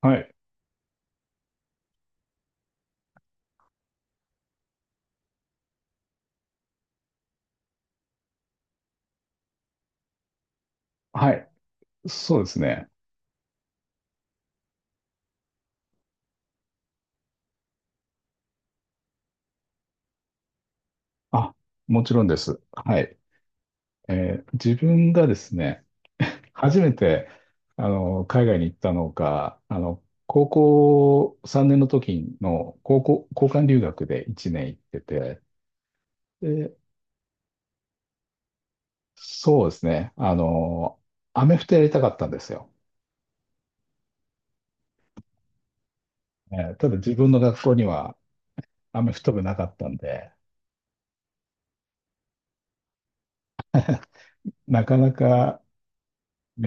はい。はい。そうですね。あ、もちろんです。はい。自分がですね、初めて、海外に行ったのが、高校3年の時の交換留学で1年行ってて、で、そうですね。アメフトやりたかったんですよ。ただ自分の学校にはアメフト部なかったんで、なかなか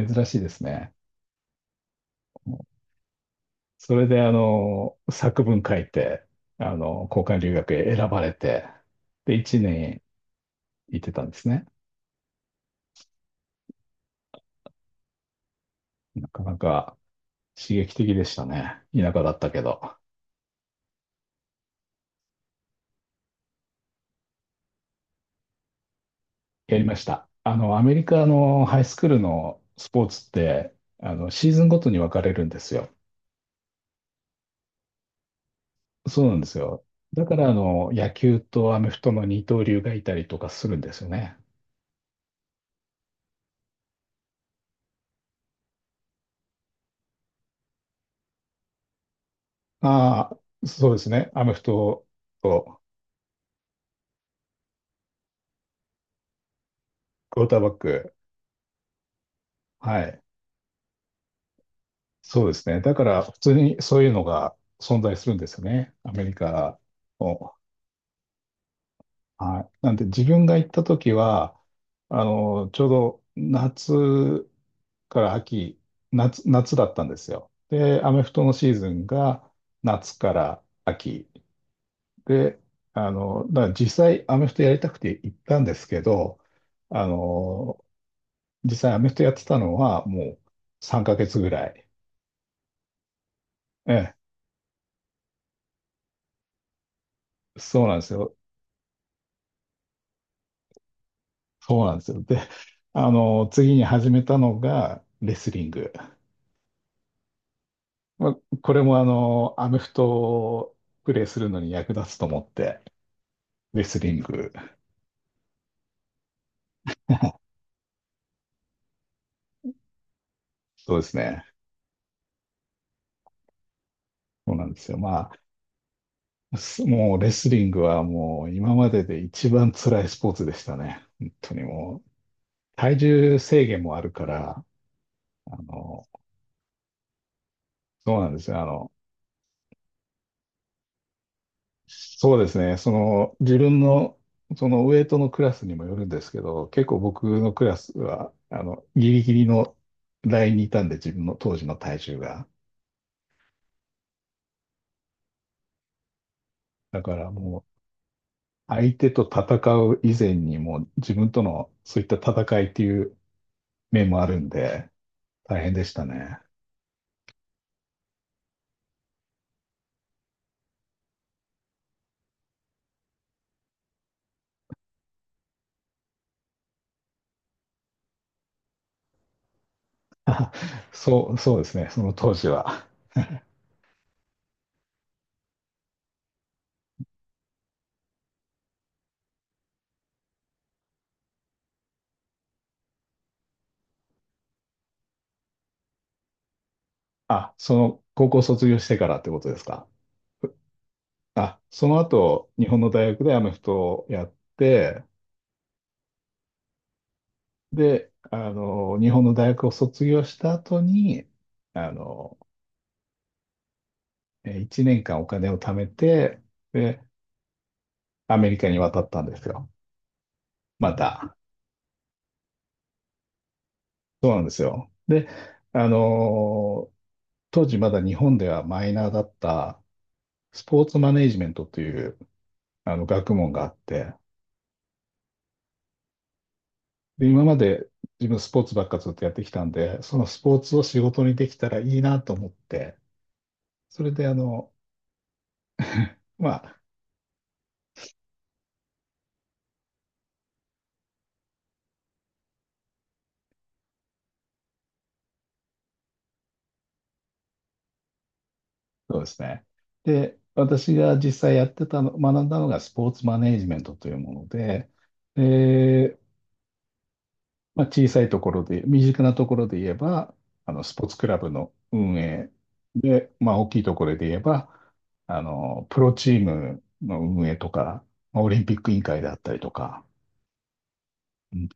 珍しいですね。それで、作文書いて、交換留学へ選ばれて、で、1年行ってたんですね。なかなか刺激的でしたね。田舎だったけど、やりました。アメリカのハイスクールのスポーツって、シーズンごとに分かれるんですよ。そうなんですよ。だから、野球とアメフトの二刀流がいたりとかするんですよね。ああ、そうですね。アメフトと、クォーターバック。はい。そうですね。だから、普通にそういうのが存在するんですよね。アメリカの。はい。なんで、自分が行った時は、ちょうど夏から秋、夏だったんですよ。で、アメフトのシーズンが夏から秋。で、だから実際アメフトやりたくて行ったんですけど、あの、実際アメフトやってたのはもう3ヶ月ぐらい。ええ、そうなんですよ。そうなんですよ。で、次に始めたのがレスリング。まあ、これもアメフトをプレイするのに役立つと思って、レスリング。そうですね。そうなんですよ。まあ、すもうレスリングはもう今までで一番辛いスポーツでしたね。本当にもう、体重制限もあるから、あの、そうなんですよ。そうですね。その、自分の、そのウエイトのクラスにもよるんですけど、結構僕のクラスは、ギリギリのラインにいたんで、自分の当時の体重が。だからもう、相手と戦う以前にもう、自分とのそういった戦いっていう面もあるんで、大変でしたね。あそうですね。その当時は。あ、その、高校卒業してからってことですか？あ、その後、日本の大学でアメフトをやって、で、日本の大学を卒業した後に、あの、1年間お金を貯めて、で、アメリカに渡ったんですよ。また。そうなんですよ。で、あの、当時まだ日本ではマイナーだったスポーツマネージメントというあの学問があって、で、今まで自分スポーツばっかずっとやってきたんで、そのスポーツを仕事にできたらいいなと思って、それでまあ、そうですね。で、私が実際やってたの、学んだのがスポーツマネージメントというもので、で、まあ、小さいところで、身近なところで言えば、スポーツクラブの運営で、まあ、大きいところで言えば、プロチームの運営とか、まあオリンピック委員会であったりとか、うん、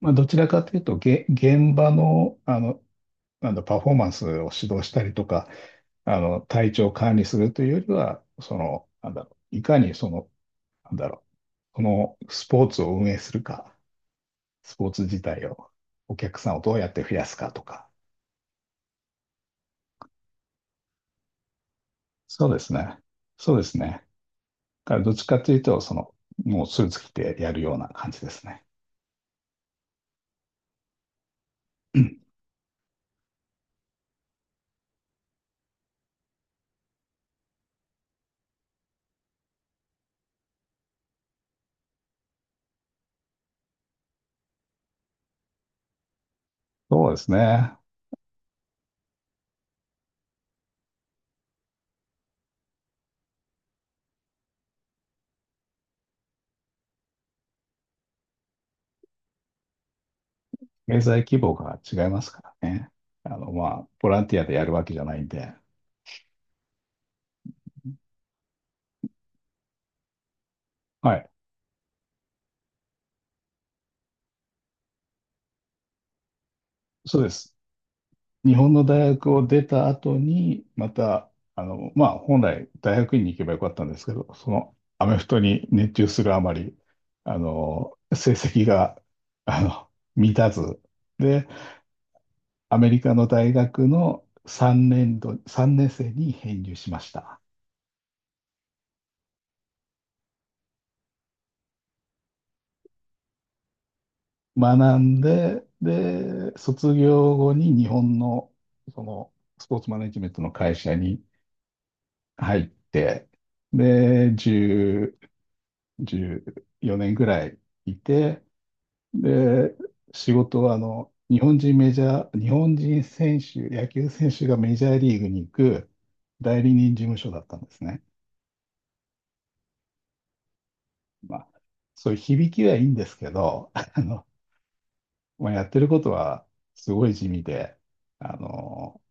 まあ、どちらかというと、現場の、なんだ、パフォーマンスを指導したりとか、体調を管理するというよりは、その、なんだろう、いかにその、なんだろう、このスポーツを運営するか、スポーツ自体を、お客さんをどうやって増やすかとか。そうですね。そうですね。だからどっちかというと、その、もうスーツ着てやるような感じですね。そうですね。経済規模が違いますからね。まあ、ボランティアでやるわけじゃないんで。はい。そうです。日本の大学を出た後に、また、まあ、本来大学院に行けばよかったんですけど、そのアメフトに熱中するあまり、成績が、あの、満たず、で、アメリカの大学の3年度、3年生に編入しました。学んで、で、卒業後に日本の、その、スポーツマネジメントの会社に入って、で、じゅう14年ぐらいいて、で、仕事は日本人メジャー、日本人選手、野球選手がメジャーリーグに行く代理人事務所だったんですね。まあ、そういう響きはいいんですけど、まあ、やってることはすごい地味で、あの、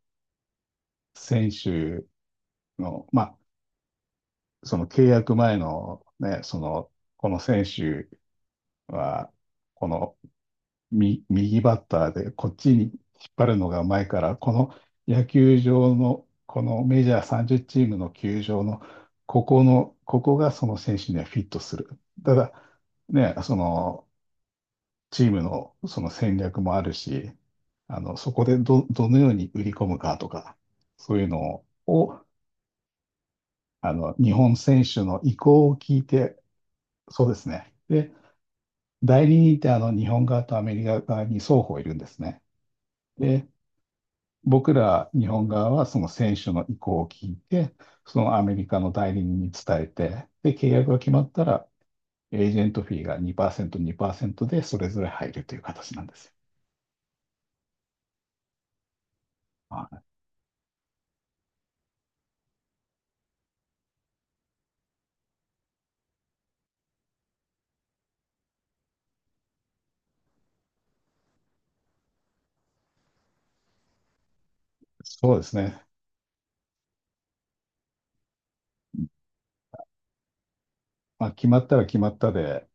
選手の、まあ、その契約前のね、その、この選手は右バッターでこっちに引っ張るのがうまいから、この野球場の、このメジャー30チームの球場の、ここの、ここがその選手にはフィットする。ただ、ね、そのチームのその戦略もあるし、そこでどのように売り込むかとか、そういうのを、日本選手の意向を聞いて、そうですね。で、代理人って日本側とアメリカ側に双方いるんですね。で僕ら日本側はその選手の意向を聞いて、そのアメリカの代理人に伝えて、で、契約が決まったら、エージェントフィーが2%、2%でそれぞれ入るという形なんですよ。まあ、そうですね。まあ、決まったら決まったで、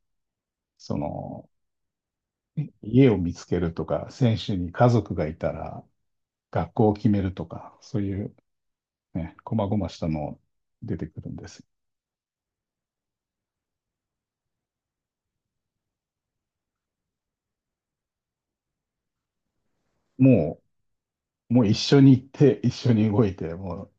その、家を見つけるとか、選手に家族がいたら、学校を決めるとか、そういうね、細々したの出てくるんです。ももう一緒に行って、一緒に動いて、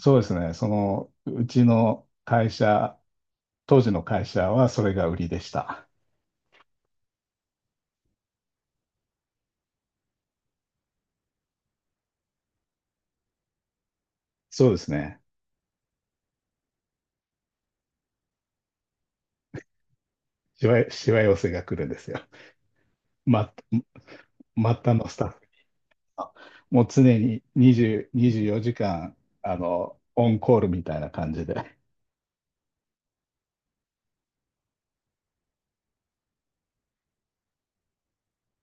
そうですね。その、うちの会社、当時の会社はそれが売りでした。そうですね。しわ寄せが来るんですよ。ま、末端のスタッフが。もう常に20、24時間、オンコールみたいな感じで。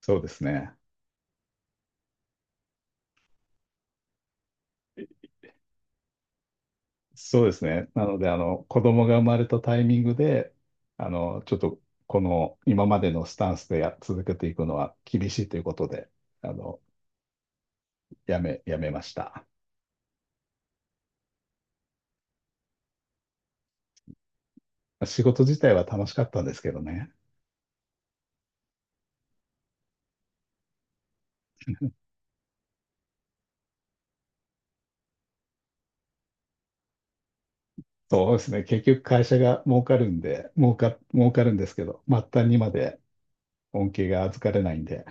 そうですね。そうですね。なので、子供が生まれたタイミングで、ちょっと、この、今までのスタンスで続けていくのは厳しいということで、あの、やめました。仕事自体は楽しかったんですけどね。そうですね。結局会社が儲かるんで、儲かるんですけど、末端にまで恩恵が預かれないんで、